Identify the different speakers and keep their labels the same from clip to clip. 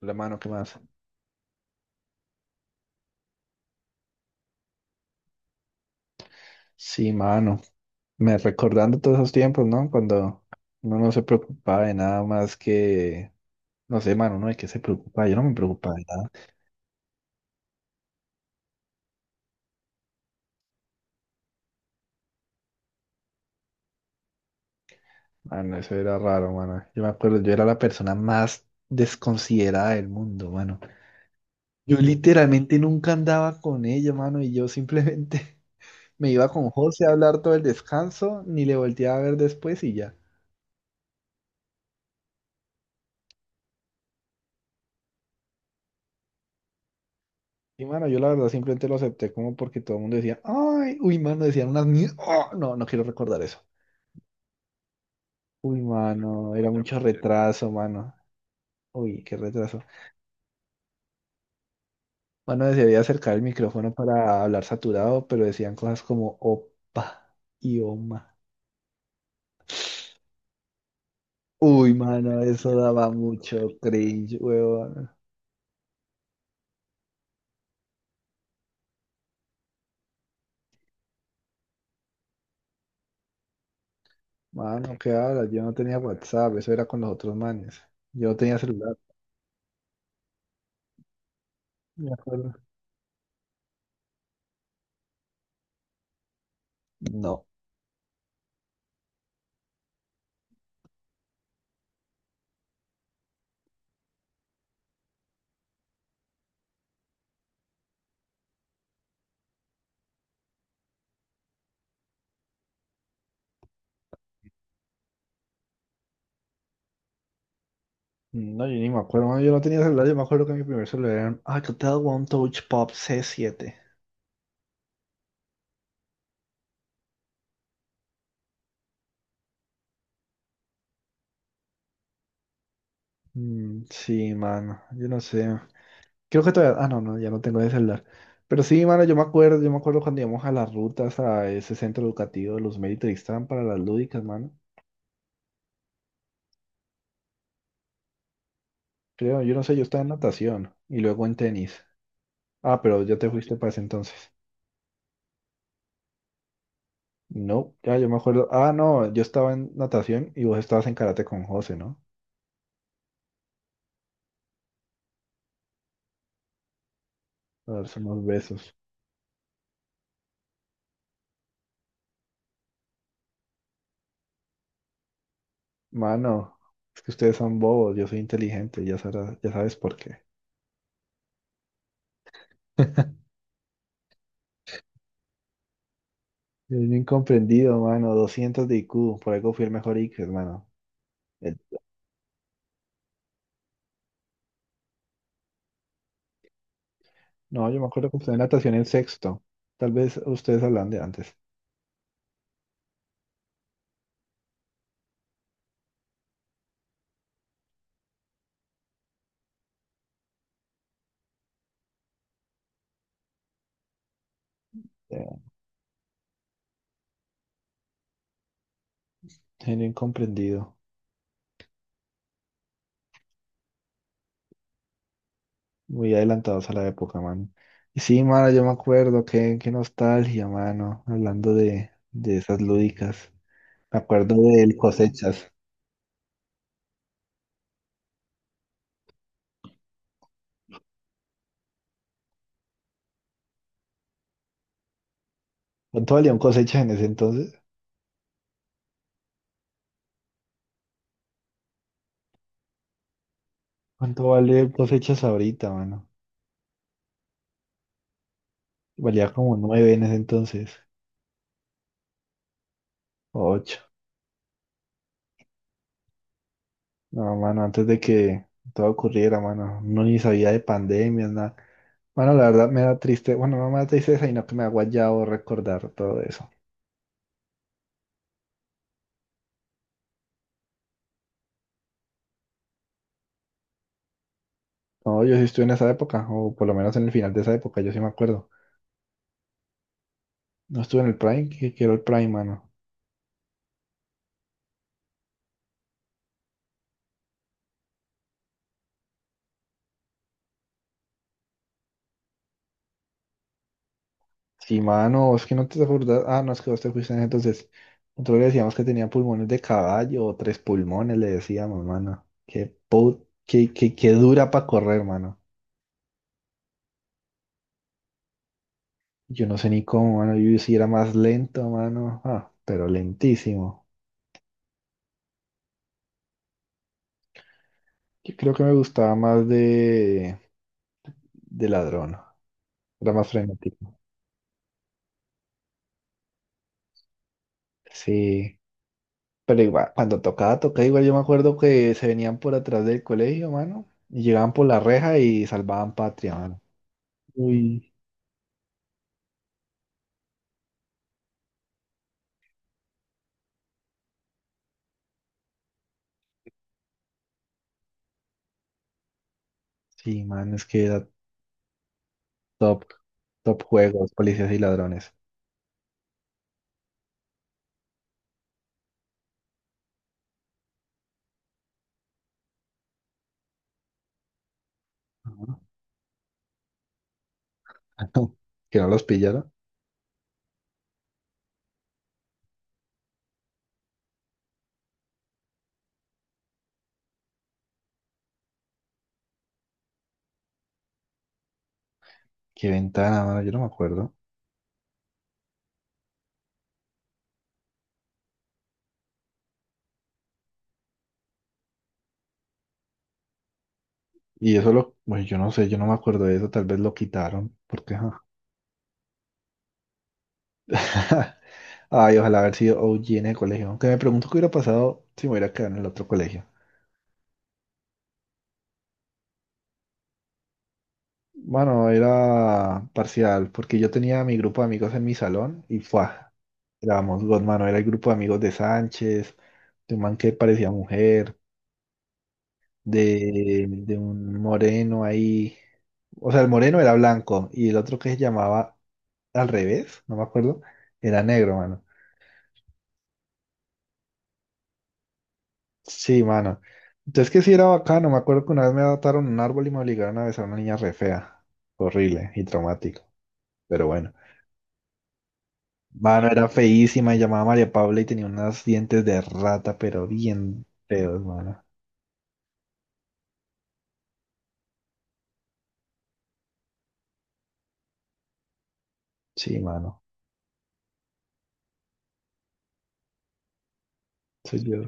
Speaker 1: La mano, ¿qué más? Sí, mano. Me recordando todos esos tiempos, ¿no? Cuando uno no se preocupaba de nada más que, no sé, mano, ¿no? ¿De qué se preocupaba? Yo no me preocupaba de nada. Mano, eso era raro, mano. Yo me acuerdo, yo era la persona más desconsiderada del mundo, mano. Yo literalmente nunca andaba con ella, mano, y yo simplemente me iba con José a hablar todo el descanso, ni le volteaba a ver después y ya. Y mano, yo la verdad simplemente lo acepté como porque todo el mundo decía, ay, uy, mano, decían unas mierdas. No, no quiero recordar eso. Uy, mano, era yo mucho también. Retraso, mano. Uy, qué retraso. Mano, desearía acercar el micrófono para hablar saturado, pero decían cosas como opa y oma. Uy, mano, eso daba mucho cringe, huevón. Mano, ¿qué hablas? Yo no tenía WhatsApp, eso era con los otros manes. Yo no tenía celular, me acuerdo. No. No, yo ni me acuerdo, mano. Yo no tenía celular, yo me acuerdo que mi primer celular era un Alcatel One Touch Pop C7. Sí, mano, yo no sé. Creo que todavía... Ah, no, ya no tengo ese celular. Pero sí, mano, yo me acuerdo cuando íbamos a las rutas a ese centro educativo de los Méritos estaban para las lúdicas, mano. Creo, yo no sé, yo estaba en natación y luego en tenis. Ah, pero ya te fuiste para ese entonces. No, ya yo me acuerdo. Ah, no, yo estaba en natación y vos estabas en karate con José, ¿no? A darse unos besos. Mano, es que ustedes son bobos, yo soy inteligente, ya sabes por qué. Soy un incomprendido, mano, 200 de IQ, por algo fui el mejor IQ, mano. El- No, yo me acuerdo que usted en natación en sexto, tal vez ustedes hablan de antes. Eh, Soy un incomprendido, muy adelantados a la época, mano. Y sí, mano, yo me acuerdo, qué nostalgia, mano, hablando de esas lúdicas. Me acuerdo del cosechas. ¿Cuánto valía un cosechas en ese entonces? ¿Cuánto vale cosechas ahorita, mano? Valía como nueve en ese entonces, o ocho. No, mano, antes de que todo ocurriera, mano, no ni sabía de pandemias, nada. Mano, la verdad me da triste, bueno, no me da tristeza, sino que me ha guayado recordar todo eso. No, yo sí estuve en esa época, o por lo menos en el final de esa época, yo sí me acuerdo. No estuve en el Prime, que quiero el Prime, mano. Sí, mano, es que no te acordás. Ah, no, es que vos te fuiste en ese entonces. Nosotros le decíamos que tenía pulmones de caballo, o tres pulmones, le decíamos, mano. Qué, put, qué dura para correr, mano. Yo no sé ni cómo, mano. Yo sí era más lento, mano. Ah, pero lentísimo. Yo creo que me gustaba más de ladrón. Era más frenético. Sí. Pero igual, cuando tocaba, tocaba igual. Yo me acuerdo que se venían por atrás del colegio, mano. Y llegaban por la reja y salvaban patria, mano. Uy. Sí, mano, es que era top. Top juegos, policías y ladrones. Ajá. Que no los pillaron. Qué ventana, mano. Yo no me acuerdo. Y eso lo, bueno, yo no sé, yo no me acuerdo de eso, tal vez lo quitaron, porque ajá. Ay, ojalá haber sido OG en el colegio. Aunque me pregunto qué hubiera pasado si me hubiera quedado en el otro colegio. Bueno, era parcial, porque yo tenía mi grupo de amigos en mi salón y fue, éramos dos, mano, era el grupo de amigos de Sánchez, de un man que parecía mujer, de un moreno ahí. O sea, el moreno era blanco y el otro que se llamaba al revés, no me acuerdo, era negro, mano. Sí, mano. Entonces que sí era bacano. Me acuerdo que una vez me adaptaron un árbol y me obligaron a besar a una niña re fea. Horrible y traumático. Pero bueno. Mano, era feísima y llamaba María Paula y tenía unos dientes de rata, pero bien feos, mano. Sí, mano. Soy yo.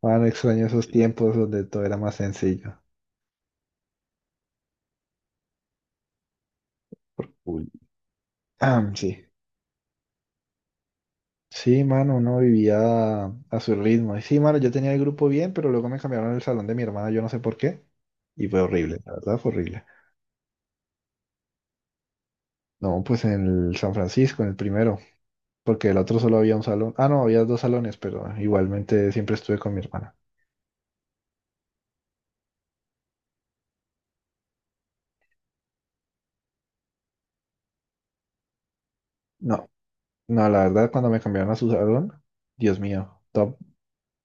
Speaker 1: Mano, extraño esos tiempos donde todo era más sencillo. Uy. Ah, sí. Sí, mano, uno vivía a su ritmo. Y sí, mano, yo tenía el grupo bien, pero luego me cambiaron el salón de mi hermana, yo no sé por qué. Y fue horrible, la verdad fue horrible. No, pues en el San Francisco, en el primero, porque el otro solo había un salón. Ah, no, había dos salones, pero igualmente siempre estuve con mi hermana. No, no, la verdad, cuando me cambiaron a su salón, Dios mío, top,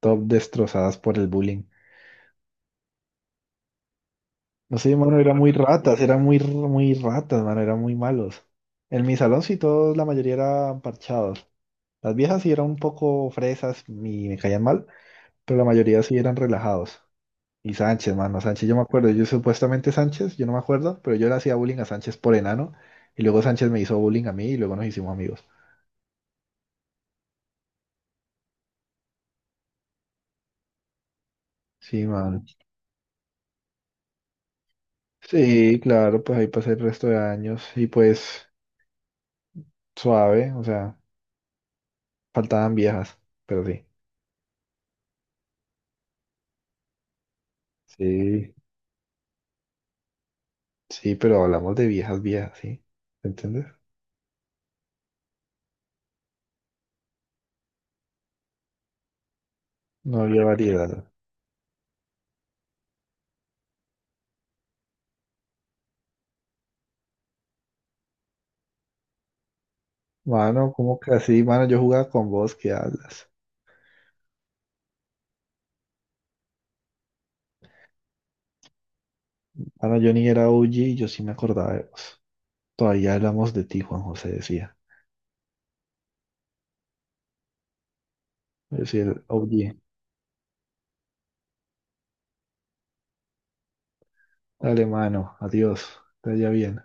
Speaker 1: top destrozadas por el bullying. No sé, mano, eran muy ratas, eran muy, muy ratas, mano, eran muy malos. En mi salón sí todos, la mayoría eran parchados. Las viejas sí eran un poco fresas y me caían mal, pero la mayoría sí eran relajados. Y Sánchez, mano, Sánchez, yo me acuerdo, yo supuestamente Sánchez, yo no me acuerdo, pero yo le hacía bullying a Sánchez por enano, y luego Sánchez me hizo bullying a mí y luego nos hicimos amigos. Sí, mano. Sí, claro, pues ahí pasé el resto de años y pues suave, o sea, faltaban viejas, pero sí. Sí, sí, pero hablamos de viejas, viejas, ¿sí? ¿Entiendes? No había variedad. Mano, ¿cómo que así? Mano, yo jugaba con vos, ¿qué hablas? Mano, yo ni era OG y yo sí me acordaba de vos. Todavía hablamos de ti, Juan José decía. Es decir, oye, dale mano, adiós, que te vaya bien.